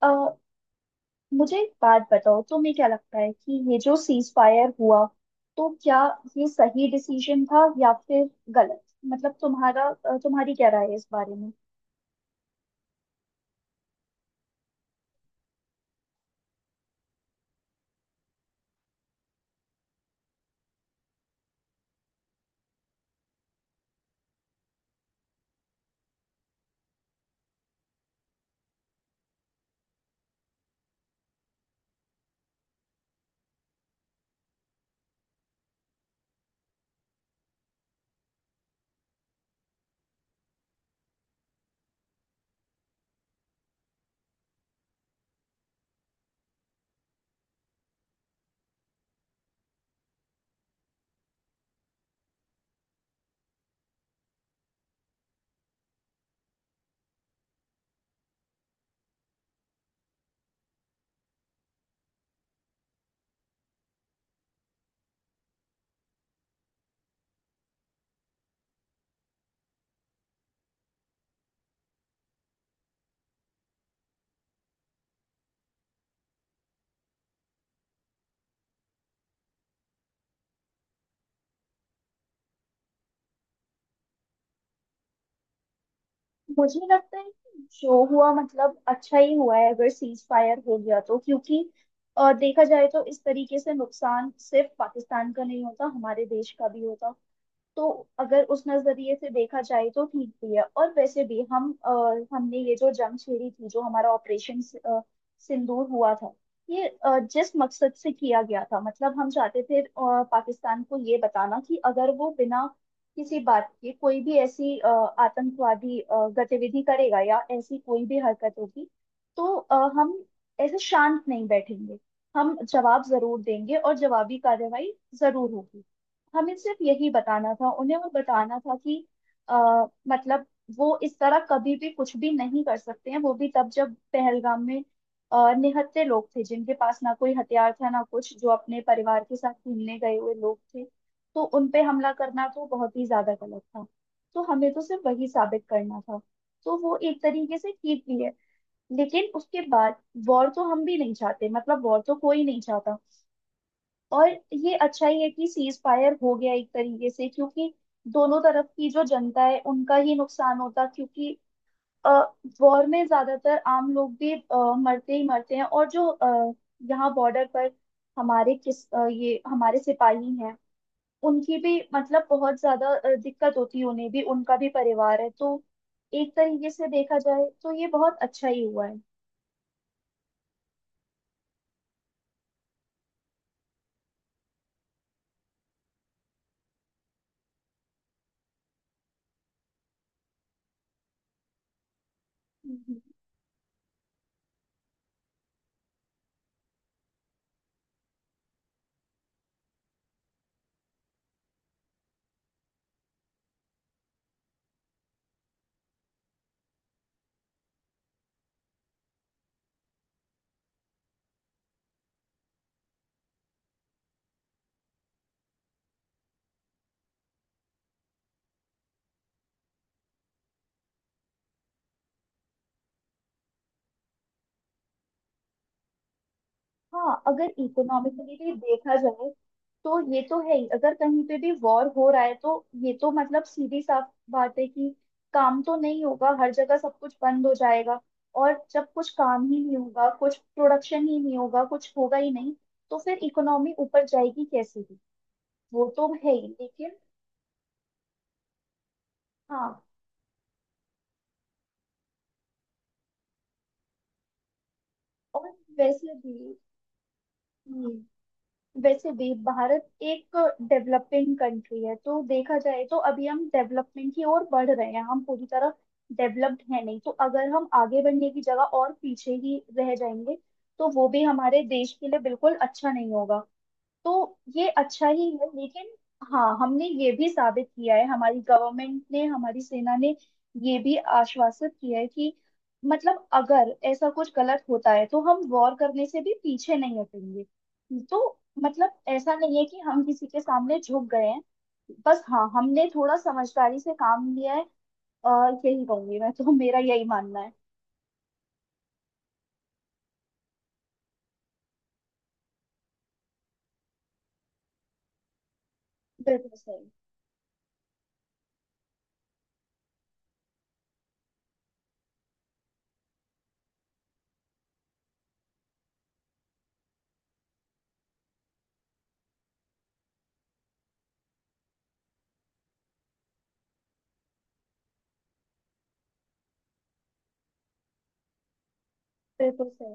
अ, मुझे एक बात बताओ। तुम्हें क्या लगता है कि ये जो सीज फायर हुआ तो क्या ये सही डिसीजन था या फिर गलत? मतलब तुम्हारा तुम्हारी क्या राय है इस बारे में? मुझे लगता है कि जो हुआ मतलब अच्छा ही हुआ है अगर सीज फायर हो गया तो, क्योंकि देखा जाए तो इस तरीके से नुकसान सिर्फ पाकिस्तान का नहीं होता, हमारे देश का भी होता। तो अगर उस नजरिए से देखा जाए तो ठीक भी है। और वैसे भी हमने ये जो जंग छेड़ी थी, जो हमारा ऑपरेशन सिंदूर हुआ था, ये जिस मकसद से किया गया था, मतलब हम चाहते थे पाकिस्तान को ये बताना कि अगर वो बिना किसी बात के कोई भी ऐसी आतंकवादी गतिविधि करेगा या ऐसी कोई भी हरकत होगी तो हम ऐसे शांत नहीं बैठेंगे। हम जवाब जरूर देंगे और जवाबी कार्रवाई जरूर होगी। हमें सिर्फ यही बताना था, उन्हें वो बताना था कि आ, मतलब वो इस तरह कभी भी कुछ भी नहीं कर सकते हैं। वो भी तब जब पहलगाम में निहत्थे लोग थे, जिनके पास ना कोई हथियार था ना कुछ, जो अपने परिवार के साथ घूमने गए हुए लोग थे। तो उन पे हमला करना तो बहुत ही ज्यादा गलत था। तो हमें तो सिर्फ वही साबित करना था। तो वो एक तरीके से ठीक भी है। लेकिन उसके बाद वॉर तो हम भी नहीं चाहते, मतलब वॉर तो कोई नहीं चाहता। और ये अच्छा ही है कि सीज फायर हो गया एक तरीके से, क्योंकि दोनों तरफ की जो जनता है उनका ही नुकसान होता। क्योंकि वॉर में ज्यादातर आम लोग भी मरते ही मरते हैं। और जो यहाँ बॉर्डर पर हमारे ये हमारे सिपाही हैं, उनकी भी मतलब बहुत ज्यादा दिक्कत होती है। उन्हें भी, उनका भी परिवार है। तो एक तरीके से देखा जाए तो ये बहुत अच्छा ही हुआ है। हाँ, अगर इकोनॉमिकली भी देखा जाए तो ये तो है ही। अगर कहीं पे भी वॉर हो रहा है तो ये तो मतलब सीधी साफ बात है कि काम तो नहीं होगा, हर जगह सब कुछ बंद हो जाएगा। और जब कुछ काम ही नहीं होगा, कुछ प्रोडक्शन ही नहीं होगा, कुछ होगा ही नहीं, तो फिर इकोनॉमी ऊपर जाएगी कैसे भी? वो तो है ही, लेकिन हाँ। और वैसे भी वैसे भी भारत एक डेवलपिंग कंट्री है। तो देखा जाए तो अभी हम डेवलपमेंट की ओर बढ़ रहे हैं, हम पूरी तरह डेवलप्ड है नहीं। तो अगर हम आगे बढ़ने की जगह और पीछे ही रह जाएंगे तो वो भी हमारे देश के लिए बिल्कुल अच्छा नहीं होगा। तो ये अच्छा ही है। लेकिन हाँ, हमने ये भी साबित किया है, हमारी गवर्नमेंट ने हमारी सेना ने ये भी आश्वासित किया है कि मतलब अगर ऐसा कुछ गलत होता है तो हम वॉर करने से भी पीछे नहीं हटेंगे। तो मतलब ऐसा नहीं है कि हम किसी के सामने झुक गए हैं। बस हाँ, हमने थोड़ा समझदारी से काम लिया है। और यही कहूंगी मैं, तो मेरा यही मानना है। बिल्कुल सही। बिल्कुल सही।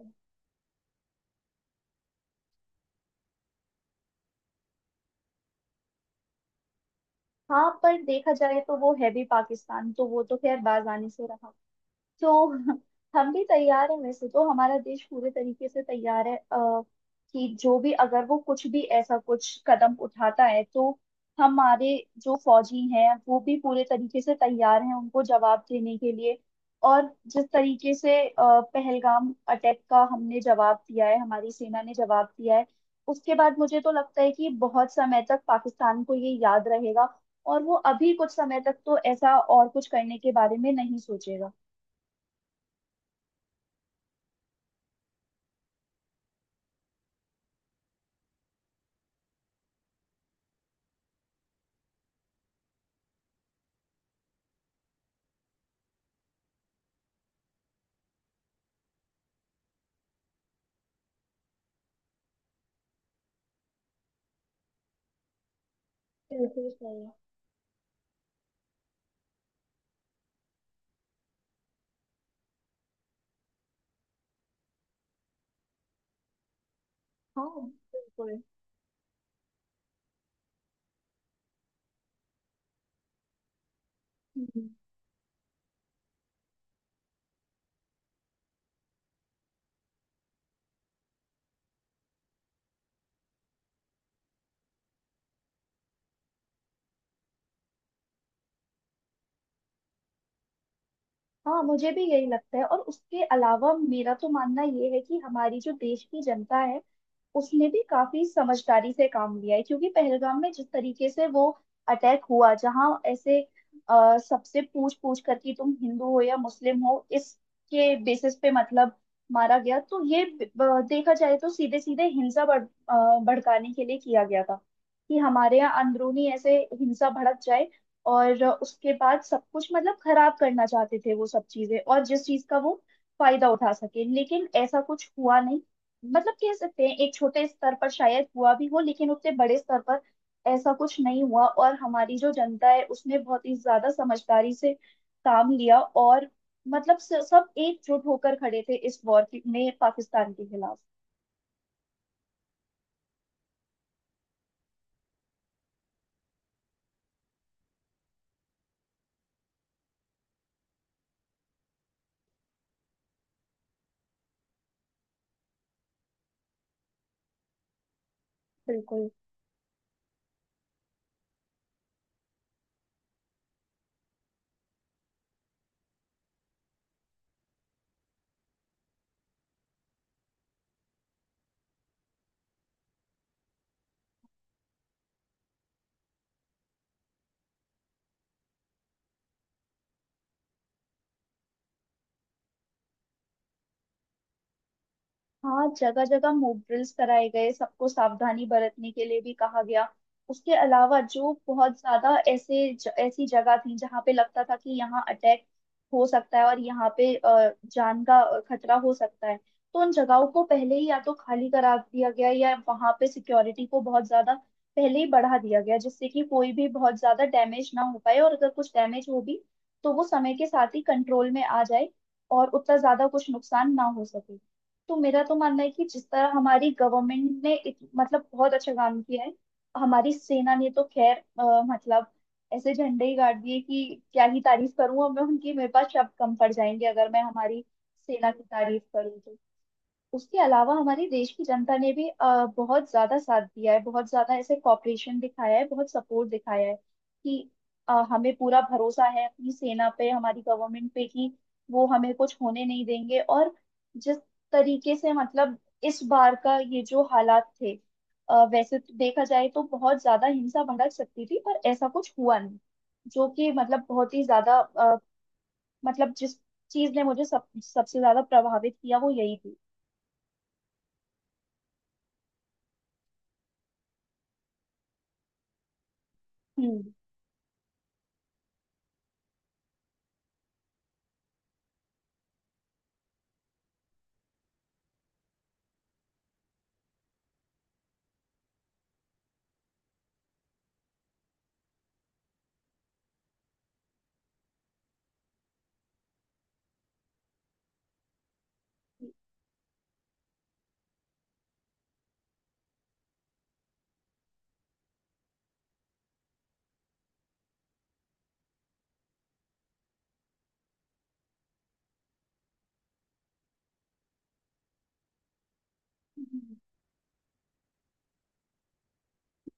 हाँ, पर देखा जाए तो वो है भी पाकिस्तान, तो वो तो खैर बाज आने से रहा। तो हम भी तैयार हैं। वैसे तो हमारा देश पूरे तरीके से तैयार है। कि जो भी अगर वो कुछ भी ऐसा कुछ कदम उठाता है तो हमारे जो फौजी हैं वो भी पूरे तरीके से तैयार हैं उनको जवाब देने के लिए। और जिस तरीके से पहलगाम अटैक का हमने जवाब दिया है, हमारी सेना ने जवाब दिया है, उसके बाद मुझे तो लगता है कि बहुत समय तक पाकिस्तान को ये याद रहेगा। और वो अभी कुछ समय तक तो ऐसा और कुछ करने के बारे में नहीं सोचेगा। बिल्कुल सही। हाँ, बिल्कुल। हम्म। हाँ, मुझे भी यही लगता है। और उसके अलावा मेरा तो मानना ये है कि हमारी जो देश की जनता है उसने भी काफी समझदारी से काम लिया है। क्योंकि पहलगाम में जिस तरीके से वो अटैक हुआ, जहां ऐसे सबसे पूछ पूछ कर कि तुम हिंदू हो या मुस्लिम हो, इसके बेसिस पे मतलब मारा गया, तो ये देखा जाए तो सीधे सीधे हिंसा अ, भड़काने के लिए किया गया था कि हमारे यहाँ अंदरूनी ऐसे हिंसा भड़क जाए। और उसके बाद सब कुछ मतलब खराब करना चाहते थे वो। सब चीजें और जिस चीज का वो फायदा उठा सके, लेकिन ऐसा कुछ हुआ नहीं। मतलब कह सकते हैं एक छोटे स्तर पर शायद हुआ भी हो, लेकिन उतने बड़े स्तर पर ऐसा कुछ नहीं हुआ। और हमारी जो जनता है उसने बहुत ही ज्यादा समझदारी से काम लिया। और मतलब सब एकजुट होकर खड़े थे इस वॉर में पाकिस्तान के खिलाफ। बिल्कुल। हाँ, जगह जगह मॉक ड्रिल्स कराए गए, सबको सावधानी बरतने के लिए भी कहा गया। उसके अलावा जो बहुत ज्यादा ऐसे ऐसी जगह थी जहाँ पे लगता था कि यहाँ अटैक हो सकता है और यहाँ पे जान का खतरा हो सकता है, तो उन जगहों को पहले ही या तो खाली करा दिया गया, या वहां पे सिक्योरिटी को बहुत ज्यादा पहले ही बढ़ा दिया गया, जिससे कि कोई भी बहुत ज्यादा डैमेज ना हो पाए। और अगर कुछ डैमेज हो भी तो वो समय के साथ ही कंट्रोल में आ जाए और उतना ज्यादा कुछ नुकसान ना हो सके। तो मेरा तो मानना है कि जिस तरह हमारी गवर्नमेंट ने मतलब बहुत अच्छा काम किया है, हमारी सेना ने तो खैर मतलब ऐसे झंडे ही गाड़ दिए कि क्या ही तारीफ करूं अब मैं उनकी। मेरे पास शब्द कम पड़ जाएंगे अगर मैं हमारी सेना की तारीफ करूं तो। उसके अलावा हमारे देश की जनता ने भी बहुत ज्यादा साथ दिया है, बहुत ज्यादा ऐसे कॉपरेशन दिखाया है, बहुत सपोर्ट दिखाया है कि हमें पूरा भरोसा है अपनी सेना पे, हमारी गवर्नमेंट पे, कि वो हमें कुछ होने नहीं देंगे। और जिस तरीके से मतलब इस बार का ये जो हालात थे, वैसे तो देखा जाए तो बहुत ज्यादा हिंसा भड़क सकती थी, पर ऐसा कुछ हुआ नहीं, जो कि मतलब बहुत ही ज्यादा मतलब जिस चीज ने मुझे सब सबसे ज्यादा प्रभावित किया वो यही थी। हम्म।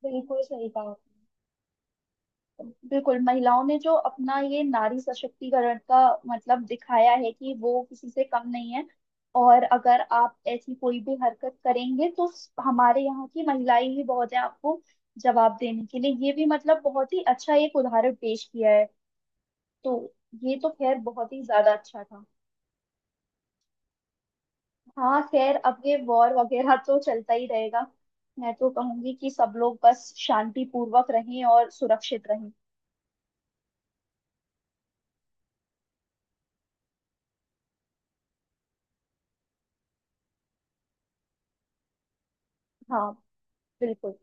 बिल्कुल सही कहा आपने। बिल्कुल, महिलाओं ने जो अपना ये नारी सशक्तिकरण का मतलब दिखाया है कि वो किसी से कम नहीं है, और अगर आप ऐसी कोई भी हरकत करेंगे तो हमारे यहाँ की महिलाएं ही बहुत है आपको जवाब देने के लिए, ये भी मतलब बहुत ही अच्छा एक उदाहरण पेश किया है। तो ये तो खैर बहुत ही ज्यादा अच्छा था। हाँ, खैर अब ये वॉर वगैरह तो चलता ही रहेगा। मैं तो कहूंगी कि सब लोग बस शांति पूर्वक रहें और सुरक्षित रहें। हाँ, बिल्कुल।